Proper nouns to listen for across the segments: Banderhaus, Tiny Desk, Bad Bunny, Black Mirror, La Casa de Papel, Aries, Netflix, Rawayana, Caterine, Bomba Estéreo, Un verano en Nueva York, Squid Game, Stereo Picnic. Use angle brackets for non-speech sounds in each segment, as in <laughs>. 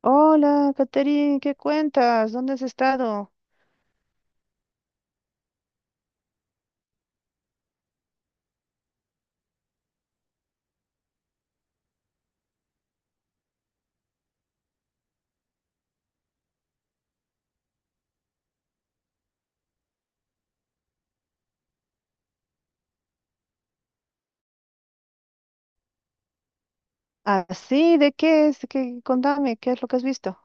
Hola, Caterine, ¿qué cuentas? ¿Dónde has estado? Ah, sí, ¿de qué es? ¿Qué? Contame, ¿qué es lo que has visto?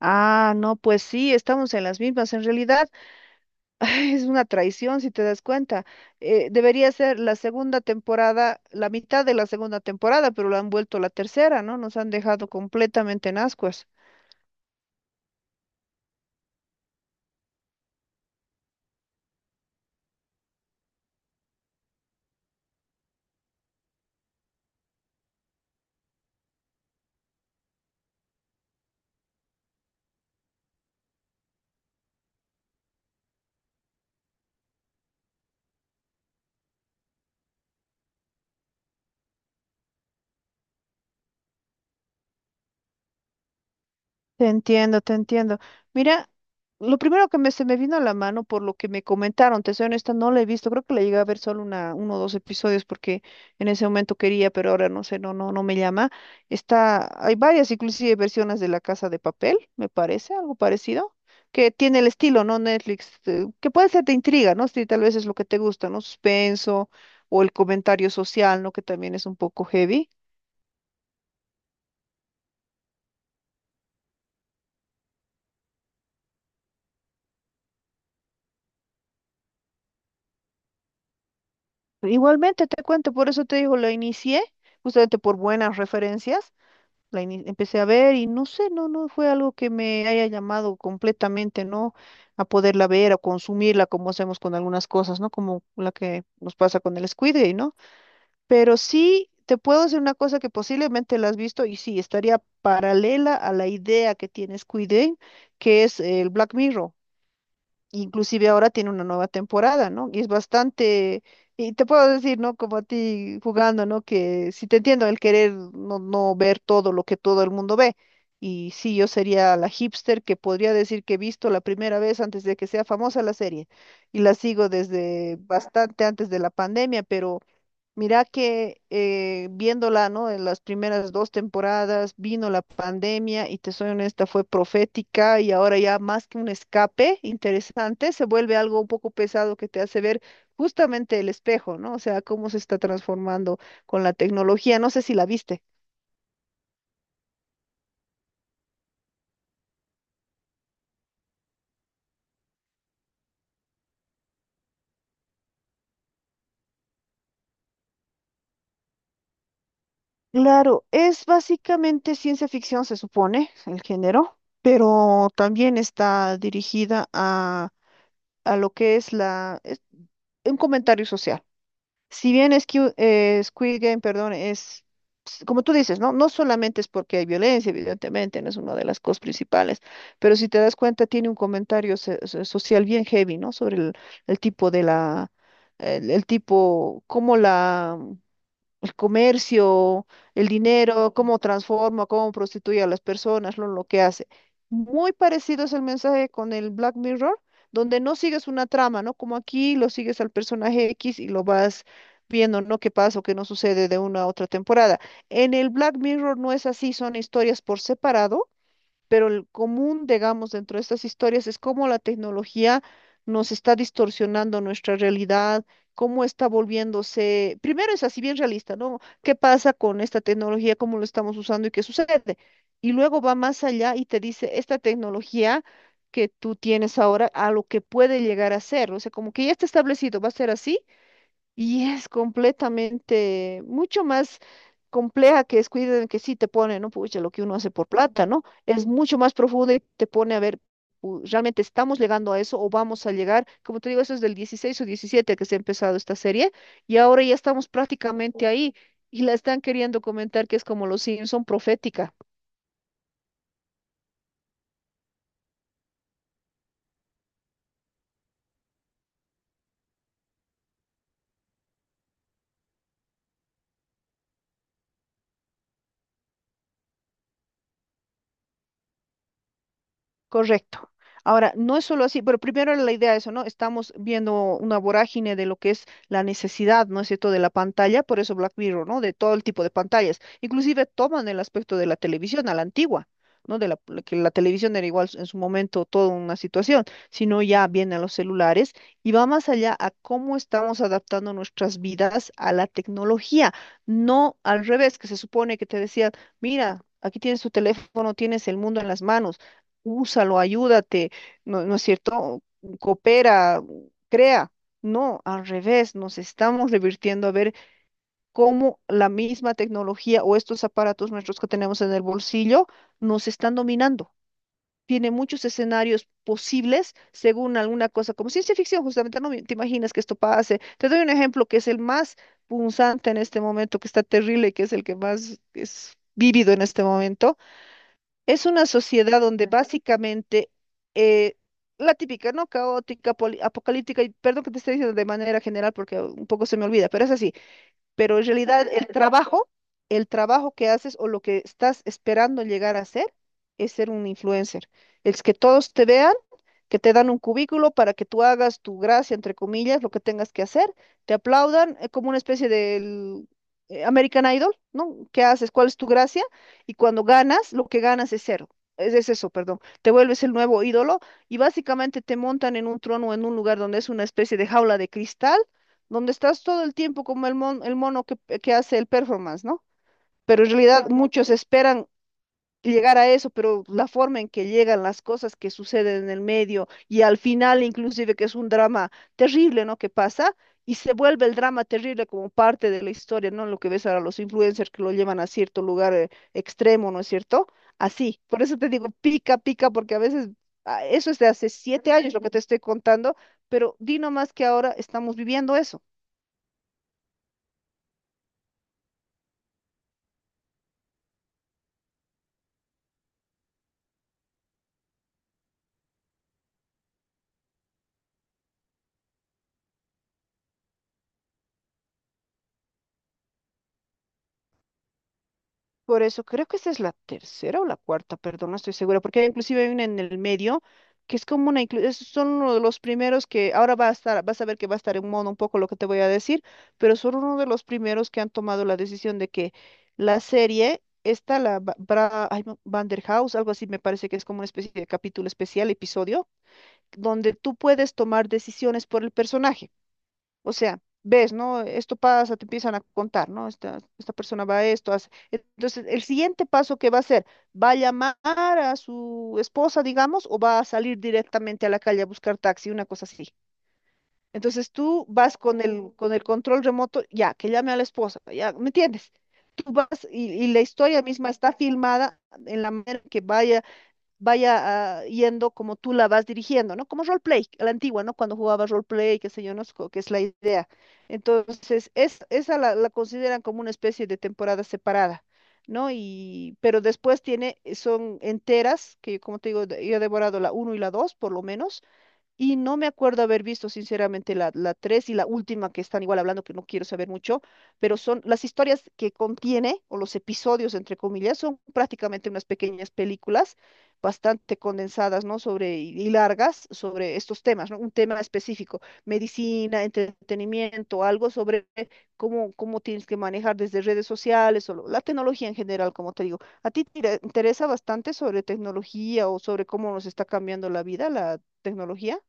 Ah, no, pues sí, estamos en las mismas. En realidad, <laughs> ay, es una traición si te das cuenta. Debería ser la segunda temporada, la mitad de la segunda temporada, pero lo han vuelto la tercera, ¿no? Nos han dejado completamente en ascuas. Te entiendo, te entiendo. Mira, lo primero que se me vino a la mano por lo que me comentaron, te soy honesta, no la he visto, creo que la llegué a ver solo uno o dos episodios porque en ese momento quería, pero ahora no sé, no, no, no me llama. Hay varias inclusive versiones de La Casa de Papel, me parece, algo parecido, que tiene el estilo, ¿no? Netflix, que puede ser de intriga, ¿no? Si tal vez es lo que te gusta, ¿no? Suspenso o el comentario social, ¿no? Que también es un poco heavy. Igualmente te cuento, por eso te digo, la inicié, justamente por buenas referencias, empecé a ver y no sé, no, no fue algo que me haya llamado completamente, ¿no? A poderla ver, a consumirla, como hacemos con algunas cosas, ¿no? Como la que nos pasa con el Squid Game, ¿no? Pero sí te puedo decir una cosa que posiblemente la has visto y sí, estaría paralela a la idea que tiene Squid Game, que es el Black Mirror. Inclusive ahora tiene una nueva temporada, ¿no? Y es bastante, y te puedo decir, ¿no? Como a ti jugando, ¿no? Que si te entiendo el querer no, no ver todo lo que todo el mundo ve. Y sí, yo sería la hipster que podría decir que he visto la primera vez antes de que sea famosa la serie. Y la sigo desde bastante antes de la pandemia, pero mira que viéndola, ¿no? En las primeras dos temporadas vino la pandemia y te soy honesta, fue profética y ahora ya más que un escape interesante, se vuelve algo un poco pesado que te hace ver justamente el espejo, ¿no? O sea, cómo se está transformando con la tecnología. No sé si la viste. Claro, es básicamente ciencia ficción, se supone, el género, pero también está dirigida a, a lo que es un comentario social. Si bien es que Squid Game, perdón, como tú dices, ¿no? No solamente es porque hay violencia, evidentemente, no es una de las cosas principales, pero si te das cuenta, tiene un comentario social bien heavy, ¿no? Sobre el tipo de la, el tipo, cómo la el comercio, el dinero, cómo transforma, cómo prostituye a las personas, lo que hace. Muy parecido es el mensaje con el Black Mirror, donde no sigues una trama, ¿no? Como aquí lo sigues al personaje X y lo vas viendo, ¿no? Qué pasa o qué no sucede de una a otra temporada. En el Black Mirror no es así, son historias por separado pero el común, digamos, dentro de estas historias es cómo la tecnología nos está distorsionando nuestra realidad, cómo está volviéndose, primero es así bien realista, ¿no? ¿Qué pasa con esta tecnología, cómo lo estamos usando y qué sucede? Y luego va más allá y te dice, esta tecnología que tú tienes ahora a lo que puede llegar a ser, o sea, como que ya está establecido, va a ser así y es completamente, mucho más compleja que es cuiden que sí te pone, ¿no? Pucha, lo que uno hace por plata, ¿no? Es mucho más profunda y te pone a ver, ¿realmente estamos llegando a eso o vamos a llegar? Como te digo, eso es del 16 o 17 que se ha empezado esta serie y ahora ya estamos prácticamente ahí y la están queriendo comentar que es como los Simpson profética. Correcto. Ahora, no es solo así, pero primero la idea es eso, ¿no? Estamos viendo una vorágine de lo que es la necesidad, ¿no es cierto?, de la pantalla, por eso Black Mirror, ¿no? De todo el tipo de pantallas. Inclusive toman el aspecto de la televisión a la antigua, ¿no? De la, la que la televisión era igual en su momento toda una situación, sino ya vienen los celulares y va más allá a cómo estamos adaptando nuestras vidas a la tecnología, no al revés, que se supone que te decían, mira, aquí tienes tu teléfono, tienes el mundo en las manos, úsalo, ayúdate, ¿no, no es cierto? Coopera, crea. No, al revés, nos estamos revirtiendo a ver cómo la misma tecnología o estos aparatos nuestros que tenemos en el bolsillo nos están dominando. Tiene muchos escenarios posibles según alguna cosa, como ciencia ficción, justamente no te imaginas que esto pase. Te doy un ejemplo que es el más punzante en este momento, que está terrible, que es el que más es vívido en este momento es una sociedad donde básicamente eh, la típica, ¿no? Caótica, apocalíptica, y perdón que te esté diciendo de manera general porque un poco se me olvida, pero es así. Pero en realidad el <laughs> trabajo que haces o lo que estás esperando llegar a hacer es ser un influencer. Es que todos te vean, que te dan un cubículo para que tú hagas tu gracia, entre comillas, lo que tengas que hacer, te aplaudan, como una especie del American Idol, ¿no? ¿Qué haces? ¿Cuál es tu gracia? Y cuando ganas, lo que ganas es cero. Es eso, perdón. Te vuelves el nuevo ídolo y básicamente te montan en un trono o en un lugar donde es una especie de jaula de cristal donde estás todo el tiempo como el, el mono que hace el performance, ¿no? Pero en realidad, claro, muchos esperan llegar a eso, pero la forma en que llegan las cosas que suceden en el medio y al final inclusive que es un drama terrible, ¿no? Que pasa y se vuelve el drama terrible como parte de la historia, ¿no? Lo que ves ahora los influencers que lo llevan a cierto lugar extremo, ¿no es cierto? Así, por eso te digo, pica, pica, porque a veces eso es de hace 7 años lo que te estoy contando, pero di nomás que ahora estamos viviendo eso. Por eso creo que esta es la tercera o la cuarta, perdón, no estoy segura, porque inclusive hay una en el medio que es como una, esos son uno de los primeros que ahora va a estar, vas a ver que va a estar en modo un poco lo que te voy a decir, pero son uno de los primeros que han tomado la decisión de que la serie, esta, la Ba- Bra, ay, no, Banderhaus, algo así me parece que es como una especie de capítulo especial, episodio, donde tú puedes tomar decisiones por el personaje. O sea, ves, ¿no? Esto pasa, te empiezan a contar, ¿no? Esta persona va a esto, hace. Entonces, el siguiente paso que va a hacer, ¿va a llamar a su esposa, digamos, o va a salir directamente a la calle a buscar taxi, una cosa así? Entonces, tú vas con el control remoto, ya, que llame a la esposa, ya, ¿me entiendes? Tú vas y la historia misma está filmada en la manera que vaya yendo como tú la vas dirigiendo, ¿no? Como roleplay, a la antigua, ¿no? Cuando jugaba roleplay, qué sé yo, no sé, que es la idea. Entonces, es, esa la, la consideran como una especie de temporada separada, ¿no? Pero después tiene, son enteras, que como te digo, yo he devorado la uno y la 2 por lo menos. Y no me acuerdo haber visto, sinceramente, la 3 y la última que están igual hablando, que no quiero saber mucho, pero son las historias que contiene, o los episodios, entre comillas, son prácticamente unas pequeñas películas bastante condensadas, ¿no? Y largas, sobre estos temas, ¿no? Un tema específico, medicina, entretenimiento, algo sobre cómo, cómo tienes que manejar desde redes sociales o la tecnología en general, como te digo. ¿A ti te interesa bastante sobre tecnología o sobre cómo nos está cambiando la vida, la tecnología?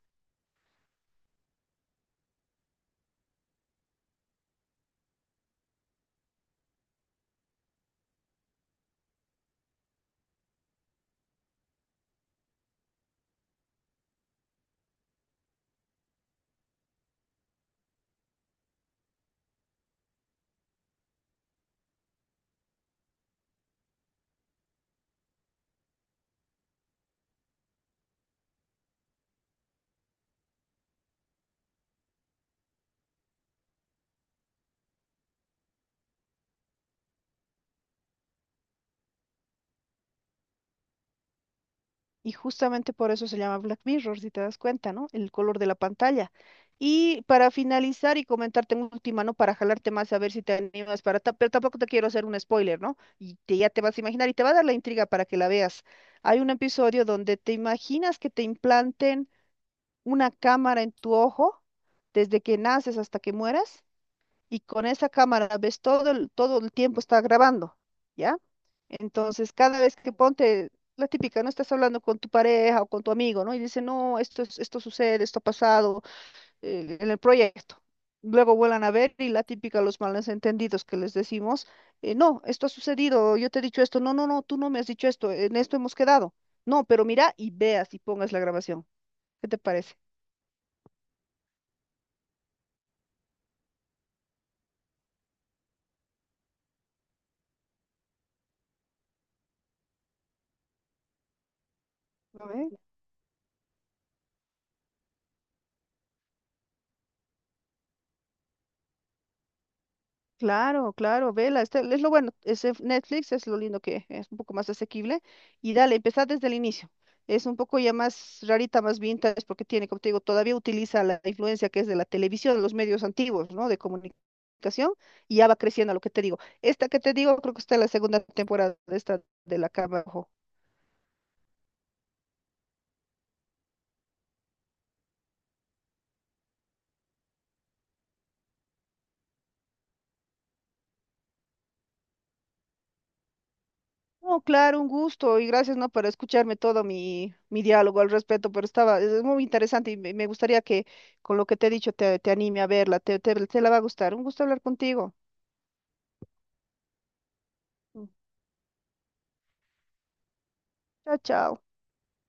Y justamente por eso se llama Black Mirror, si te das cuenta, ¿no? El color de la pantalla. Y para finalizar y comentarte una última, ¿no? Para jalarte más a ver si te animas para... Pero tampoco te quiero hacer un spoiler, ¿no? Y ya te vas a imaginar y te va a dar la intriga para que la veas. Hay un episodio donde te imaginas que te implanten una cámara en tu ojo desde que naces hasta que mueras y con esa cámara ves todo el tiempo está grabando, ¿ya? Entonces, cada vez que ponte, la típica, no estás hablando con tu pareja o con tu amigo, ¿no? Y dice, no, esto, esto sucede, esto ha pasado en el proyecto. Luego vuelan a ver y la típica, los malos entendidos que les decimos, no, esto ha sucedido, yo te he dicho esto, no, no, no, tú no me has dicho esto, en esto hemos quedado. No, pero mira y veas y pongas la grabación. ¿Qué te parece? A ver. Claro, claro, vela, este, es lo bueno, es en Netflix es lo lindo que es un poco más asequible y dale, empezá desde el inicio. Es un poco ya más rarita, más vintage, porque tiene, como te digo, todavía utiliza la influencia que es de la televisión, de los medios antiguos, ¿no? De comunicación, y ya va creciendo lo que te digo. Esta que te digo, creo que está en la segunda temporada de esta de La Cama. No, claro, un gusto y gracias, ¿no? Por escucharme todo mi diálogo al respecto, pero estaba, es muy interesante y me gustaría que con lo que te he dicho te anime a verla, te la va a gustar. Un gusto hablar contigo. Mm. Chao, chao.